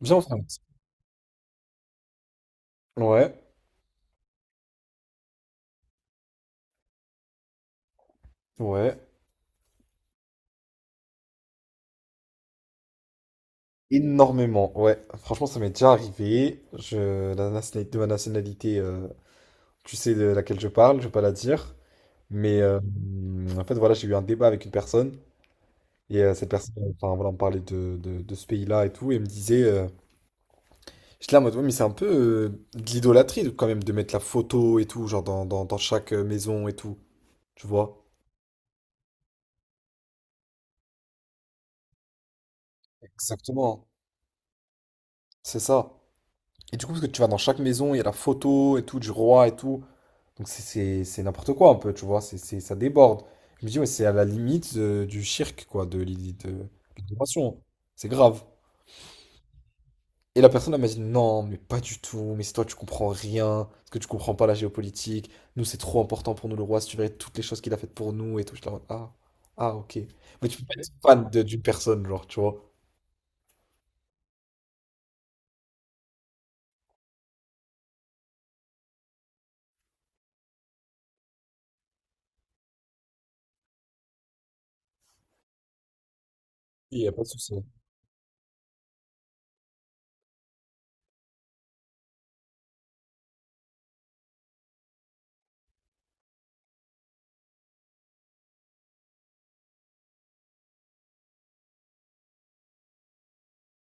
Bien en France. Ouais, ouais. Énormément, ouais. Franchement, ça m'est déjà arrivé. De ma nationalité, tu sais de laquelle je parle, je vais pas la dire. Mais en fait, voilà, j'ai eu un débat avec une personne. Et cette personne, enfin, voilà, on parlait de ce pays-là et tout. Et elle me disait, j'étais là en mode, ouais, mais c'est un peu de l'idolâtrie quand même de mettre la photo et tout, genre dans chaque maison et tout. Tu vois? Exactement, c'est ça. Et du coup, parce que tu vas dans chaque maison, il y a la photo et tout, du roi et tout. Donc c'est n'importe quoi un peu, tu vois, ça déborde. Je me dis, ouais, c'est à la limite du cirque, quoi, de l'idée de l'adoration. C'est grave. Et la personne, elle m'a dit, non, mais pas du tout, mais c'est toi, tu comprends rien, parce que tu comprends pas la géopolitique. Nous, c'est trop important pour nous, le roi, si tu verrais toutes les choses qu'il a faites pour nous et tout. Je suis là, en mode, ah, ah, ok. Mais tu peux pas être fan d'une personne, genre, tu vois. Il y a pas de souci.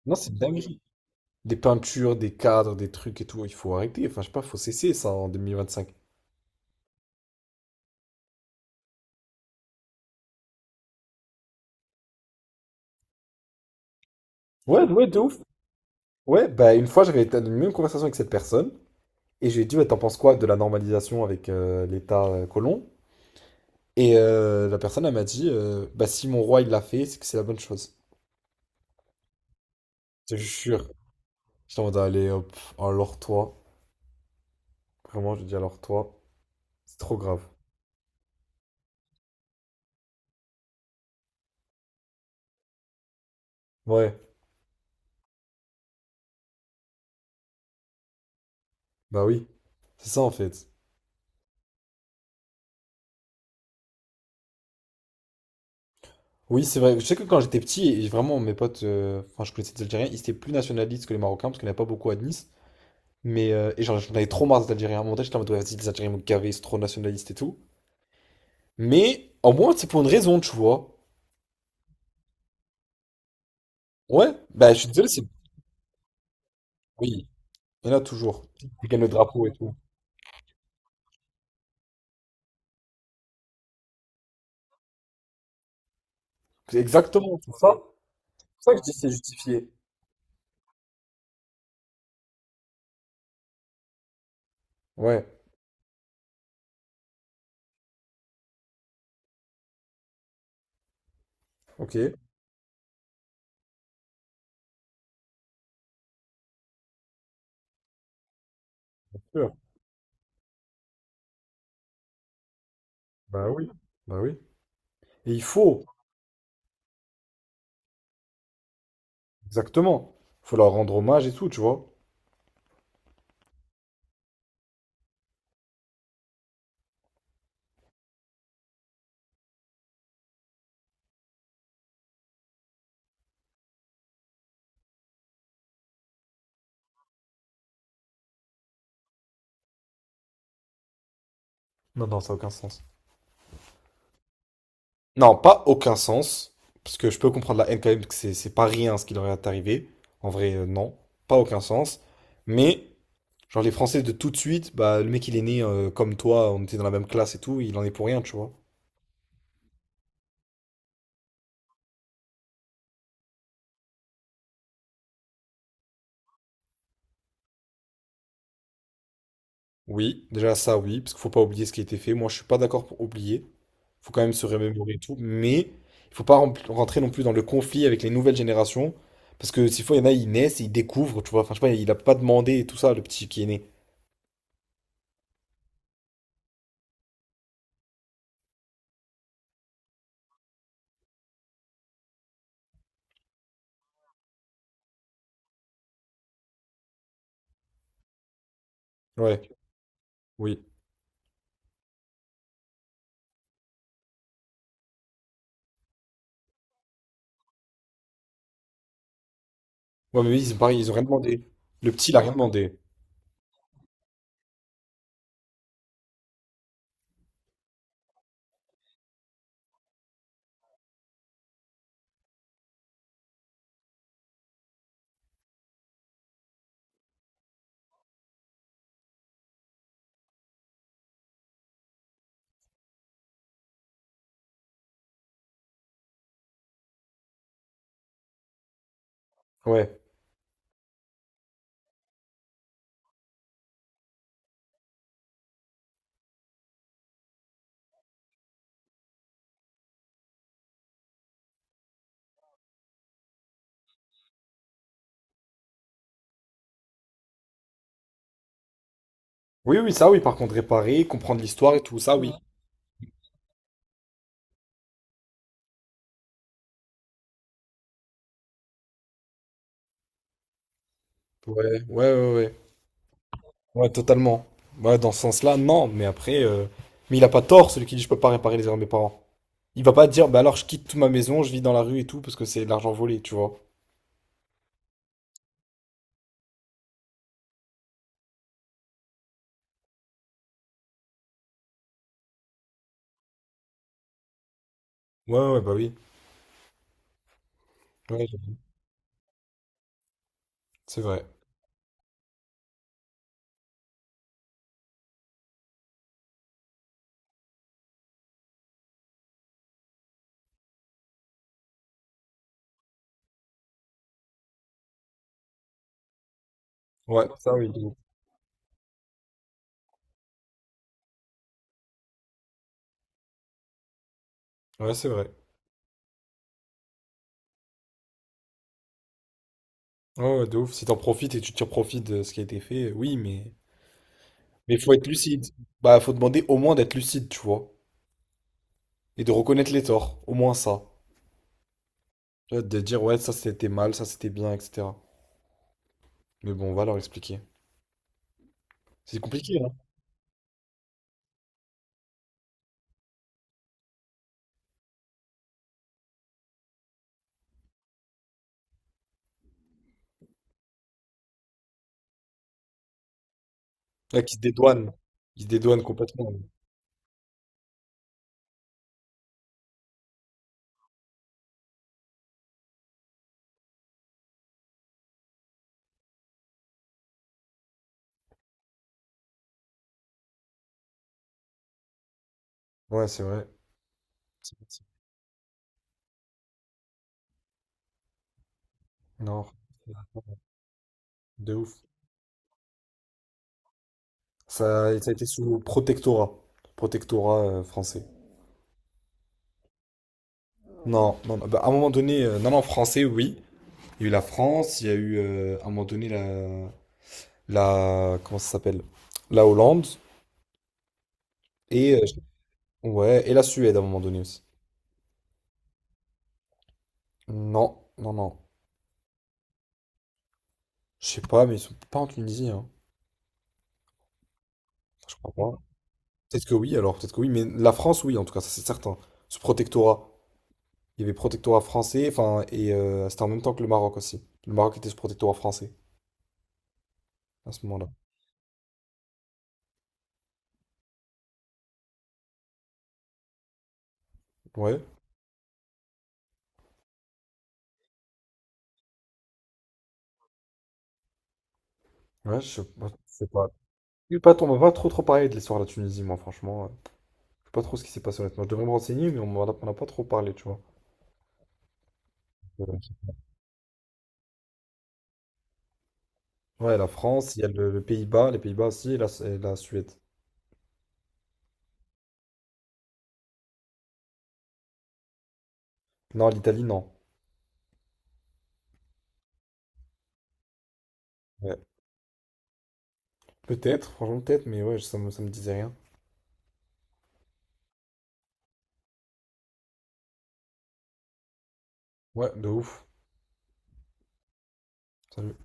Non, c'est une dinguerie. Des peintures, des cadres, des trucs et tout, il faut arrêter. Enfin, je sais pas, faut cesser ça en 2025. Ouais, ouais, de ouf. Ouais, bah une fois une même conversation avec cette personne et je lui ai dit ouais, t'en penses quoi de la normalisation avec l'État colon? Et la personne elle m'a dit bah si mon roi il l'a fait c'est que c'est la bonne chose. Je te jure. J'étais en mode allez hop, alors toi, vraiment je dis alors toi, c'est trop grave. Ouais, bah oui, c'est ça en fait. Oui, c'est vrai, je sais que quand j'étais petit et vraiment mes potes, enfin je connaissais des Algériens, ils étaient plus nationalistes que les Marocains parce qu'il n'y en avait pas beaucoup à Nice, mais et genre j'en avais trop marre des Algériens à mon moment, j'étais en mode ouais vas-y les Algériens m'ont gavé, c'est trop nationaliste et tout. Mais au moins, c'est pour une raison, tu vois. Ouais, bah je suis désolé, c'est. Oui, il y en a toujours. Qui gagne le drapeau et tout. C'est exactement, tout ça. C'est pour ça que je dis, que c'est justifié. Ouais, ok. Sûr. Bah oui, bah oui. Et il faut, exactement. Il faut leur rendre hommage et tout, tu vois. Non, non, ça n'a aucun sens. Non, pas aucun sens. Parce que je peux comprendre la haine quand même, que c'est pas rien ce qui leur est arrivé. En vrai, non. Pas aucun sens. Mais. Genre les Français de tout de suite, bah le mec il est né comme toi, on était dans la même classe et tout, il en est pour rien, tu vois. Oui, déjà ça oui, parce qu'il faut pas oublier ce qui a été fait. Moi je suis pas d'accord pour oublier, faut quand même se remémorer et tout, mais il faut pas rentrer non plus dans le conflit avec les nouvelles générations, parce que s'il faut, il y en a, ils naissent et ils découvrent, tu vois. Enfin je sais pas, il a pas demandé et tout ça, le petit qui est né. Ouais, oui. Ouais mais oui, c'est pareil, ils ont rien demandé. Le petit il a rien demandé. Ouais. Oui, oui, ça oui, par contre, réparer, comprendre l'histoire et tout, ça oui. Ouais, ouais, ouais, ouais. Ouais, totalement. Ouais, dans ce sens-là, non. Mais après, mais il a pas tort, celui qui dit je peux pas réparer les erreurs de mes parents. Il va pas dire, bah alors je quitte toute ma maison, je vis dans la rue et tout, parce que c'est de l'argent volé, tu vois. Ouais, ouais, bah oui. Ouais, c'est vrai. Ouais, ça oui, de ouf. Ouais, c'est vrai. Ouais, ouais, de ouf. Si t'en profites et tu tires profit de ce qui a été fait, oui, mais. Mais faut être lucide. Bah, faut demander au moins d'être lucide, tu vois. Et de reconnaître les torts, au moins ça. Tu vois, de dire, ouais, ça c'était mal, ça c'était bien, etc. Mais bon, on va leur expliquer. C'est compliqué, hein. Ah, qui se dédouane. Il se dédouane complètement. Ouais, c'est vrai. C'est- c'est- Non, de ouf. Ça a été sous protectorat. Protectorat français. Non, non, non. Bah, à un moment donné, non, non, français, oui. Il y a eu la France, il y a eu à un moment donné la, comment ça s'appelle? La Hollande et ouais et la Suède à un moment donné aussi. Non, non, non. Je sais pas, mais ils sont pas en Tunisie, hein. Je crois pas. Peut-être que oui, alors peut-être que oui, mais la France, oui, en tout cas, ça c'est certain. Ce protectorat. Il y avait protectorat français, enfin, et c'était en même temps que le Maroc aussi. Le Maroc était sous protectorat français à ce moment-là. Ouais, ouais, je sais pas, je sais pas. On m'a pas trop trop parlé de l'histoire de la Tunisie, moi, franchement. Je sais pas trop ce qui s'est passé, honnêtement. Je devrais me renseigner, mais on a pas trop parlé, tu vois. Euh, Ouais, la France, il y a le Pays-Bas, les Pays-Bas aussi, et et la Suède. Non, l'Italie, non. Ouais. Peut-être, franchement, peut-être, mais ouais, ça me disait rien. Ouais, de ouf. Salut.